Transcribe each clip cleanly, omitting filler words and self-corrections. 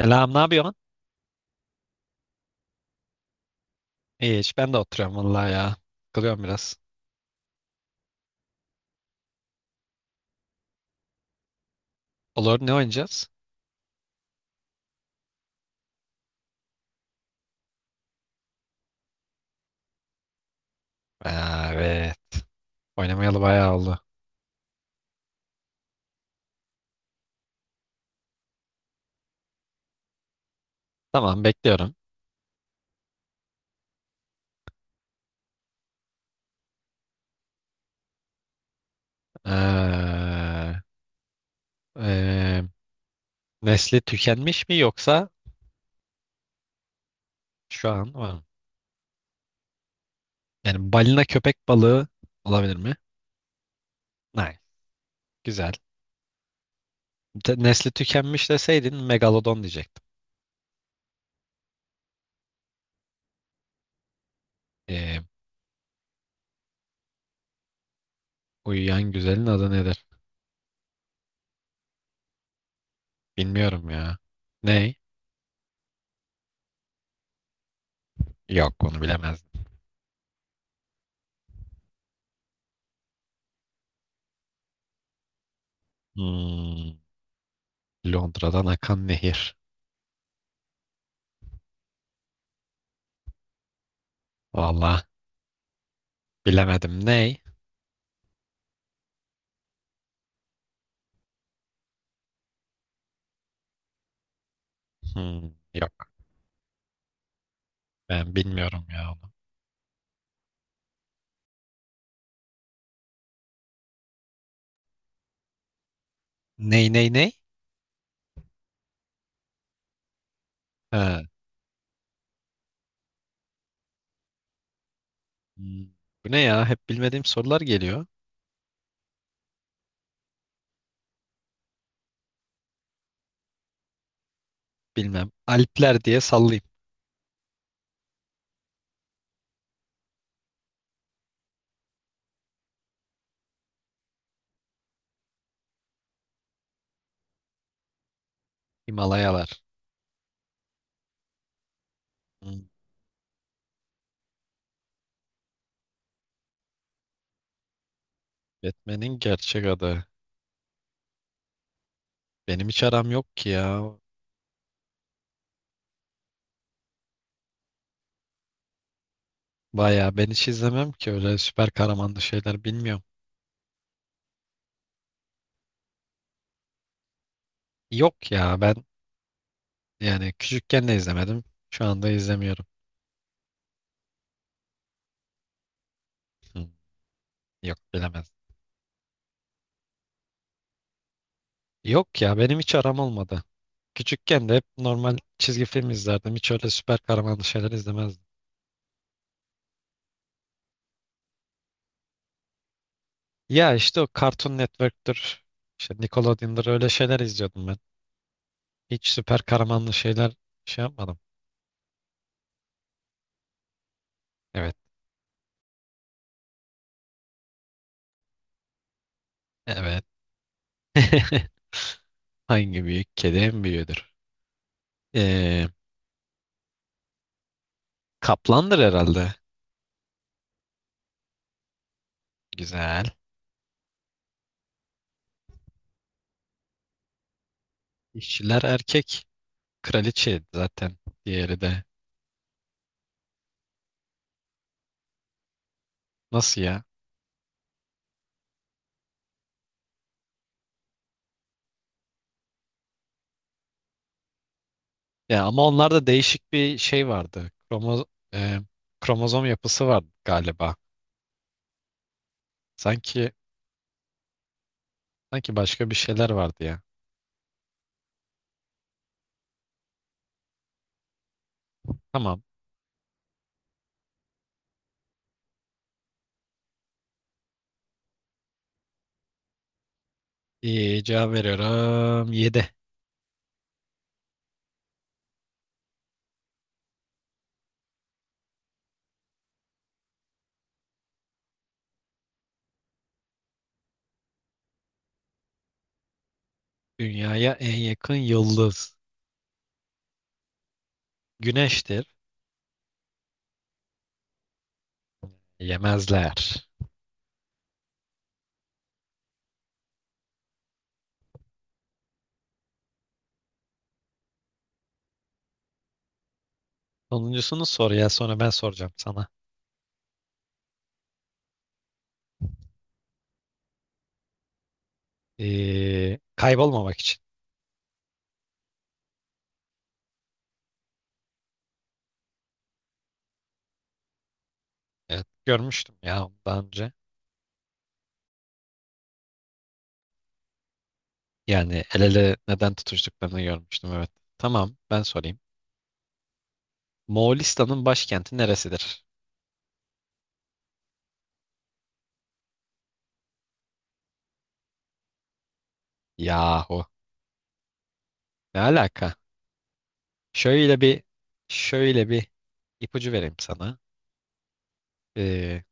Selam, ne yapıyorsun? İyi, hiç ben de oturuyorum vallahi ya. Kılıyorum biraz. Olur, ne oynayacağız? Aa, evet, oynamayalı bayağı oldu. Tamam, bekliyorum. Ee, e, Nesli tükenmiş mi yoksa şu an var mı? Yani balina köpek balığı olabilir mi? Hayır, güzel. Nesli tükenmiş deseydin megalodon diyecektim. Ee, Uyuyan güzelin adı nedir? Bilmiyorum ya. Ney? Yok, onu bilemezdim. Hmm, Londra'dan akan nehir. Vallahi. Bilemedim. Ney? Hmm, yok. Ben bilmiyorum ya onu. Ney? Ha. Hmm. Bu ne ya? Hep bilmediğim sorular geliyor. Bilmem. Alpler diye sallayayım. Himalayalar. Hmm. Batman'in gerçek adı. Benim hiç aram yok ki ya. Baya ben hiç izlemem ki öyle süper kahramanlı şeyler bilmiyorum. Yok ya ben, yani küçükken de izlemedim. Şu anda izlemiyorum. Hmm, yok bilemez. Yok ya benim hiç aram olmadı. Küçükken de hep normal çizgi film izlerdim. Hiç öyle süper kahramanlı şeyler izlemezdim. Ya işte o Cartoon Network'tür. İşte Nickelodeon'dur, öyle şeyler izliyordum ben. Hiç süper kahramanlı şeyler şey yapmadım. Evet. Evet. Hangi büyük kedi en büyüğüdür? Ee, Kaplandır herhalde. Güzel. İşçiler erkek. Kraliçe zaten, diğeri de. Nasıl ya? Ya ama onlarda değişik bir şey vardı. E, Kromozom yapısı vardı galiba. Sanki Sanki başka bir şeyler vardı ya. Tamam. İyi, cevap veriyorum. Yedi. Dünyaya en yakın yıldız. Güneştir. Yemezler. Sonuncusunu sor ya. Sonra ben soracağım sana. Kaybolmamak için. Evet, görmüştüm ya daha önce. Yani el ele neden tutuştuklarını görmüştüm, evet. Tamam, ben sorayım. Moğolistan'ın başkenti neresidir? Yahu. Ne alaka? Şöyle bir şöyle bir ipucu vereyim sana. Ee,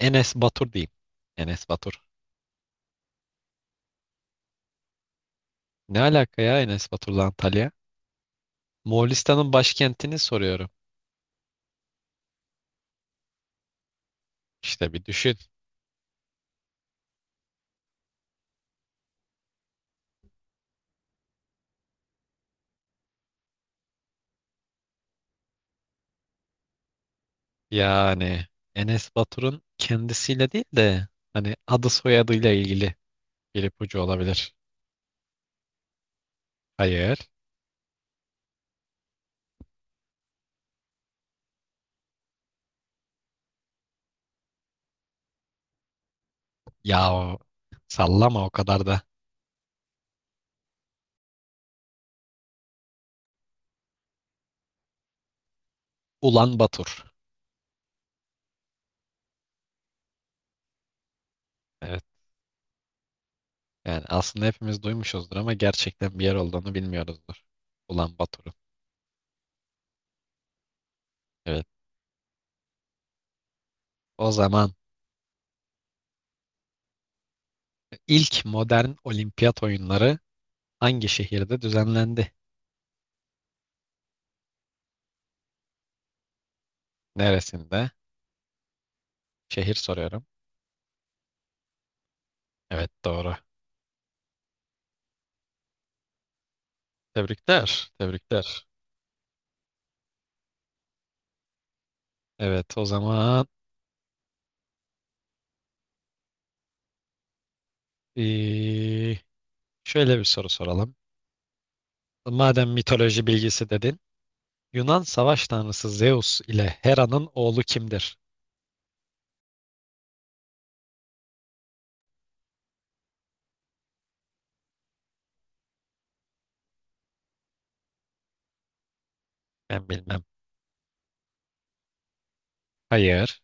Enes Batur diyeyim. Enes Batur. Ne alaka ya Enes Batur'la Antalya? Moğolistan'ın başkentini soruyorum. İşte bir düşün. Yani Enes Batur'un kendisiyle değil de hani adı soyadıyla ilgili bir ipucu olabilir. Hayır. Ya o- Sallama o kadar da. Ulan Batur. Evet. Yani aslında hepimiz duymuşuzdur ama gerçekten bir yer olduğunu bilmiyoruzdur. Ulan Batur'un. Evet. O zaman ilk modern olimpiyat oyunları hangi şehirde düzenlendi? Neresinde? Şehir soruyorum. Evet, doğru. Tebrikler. Tebrikler. Evet o zaman ee, şöyle bir soru soralım. Madem mitoloji bilgisi dedin. Yunan savaş tanrısı Zeus ile Hera'nın oğlu kimdir? Ben bilmem. Hayır.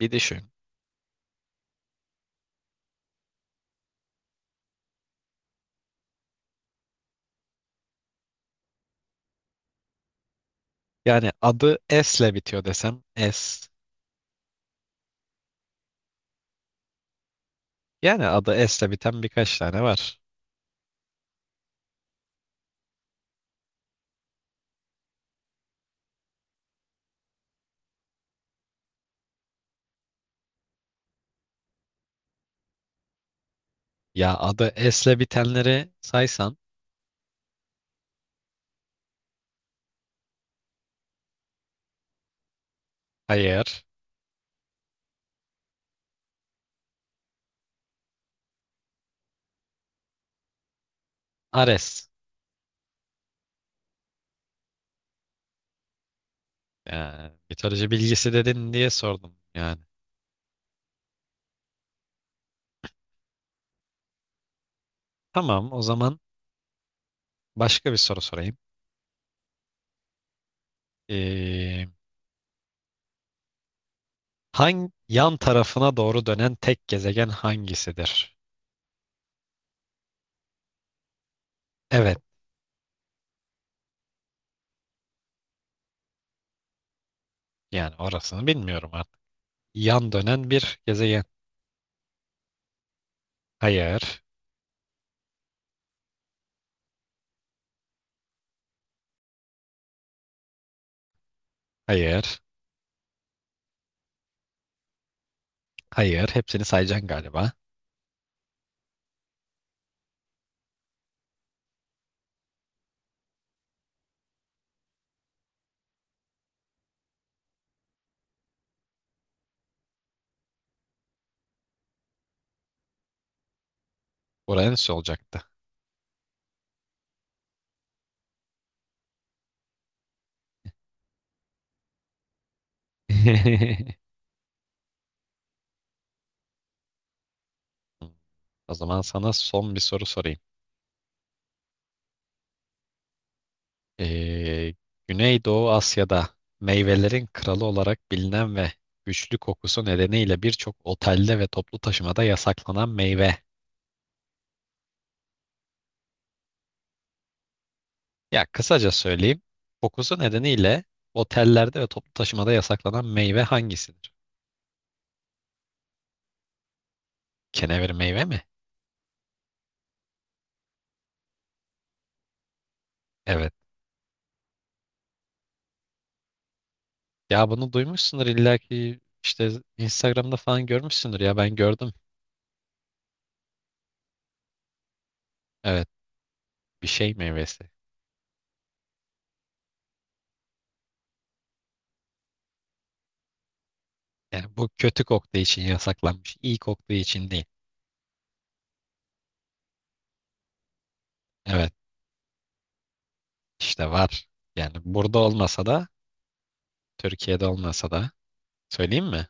Bir düşün. Yani adı S ile bitiyor desem, S. Yani adı S ile biten birkaç tane var. Ya adı S ile bitenleri saysan. Hayır. Ares. Yani mitoloji bilgisi dedin diye sordum. Yani tamam, o zaman başka bir soru sorayım. Ee, Hangi yan tarafına doğru dönen tek gezegen hangisidir? Evet, yani orasını bilmiyorum artık. Yan dönen bir gezegen. Hayır, hayır, hayır. Hepsini sayacaksın galiba. Uranüs olacaktı. O zaman sana son bir soru sorayım. Ee, Güneydoğu Asya'da meyvelerin kralı olarak bilinen ve güçlü kokusu nedeniyle birçok otelde ve toplu taşımada yasaklanan meyve. Ya kısaca söyleyeyim. Kokusu nedeniyle otellerde ve toplu taşımada yasaklanan meyve hangisidir? Kenevir meyve mi? Evet. Ya bunu duymuşsundur illa ki, işte Instagram'da falan görmüşsündür, ya ben gördüm. Evet, bir şey meyvesi. Yani bu kötü koktuğu için yasaklanmış, iyi koktuğu için değil. Evet işte var. Yani burada olmasa da Türkiye'de olmasa da söyleyeyim mi?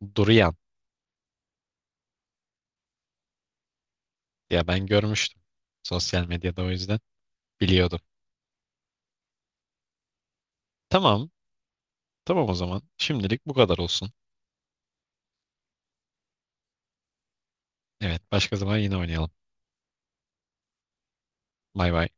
Durian. Ya ben görmüştüm. Sosyal medyada, o yüzden biliyordum. Tamam. Tamam o zaman. Şimdilik bu kadar olsun. Evet, başka zaman yine oynayalım. Bay bay.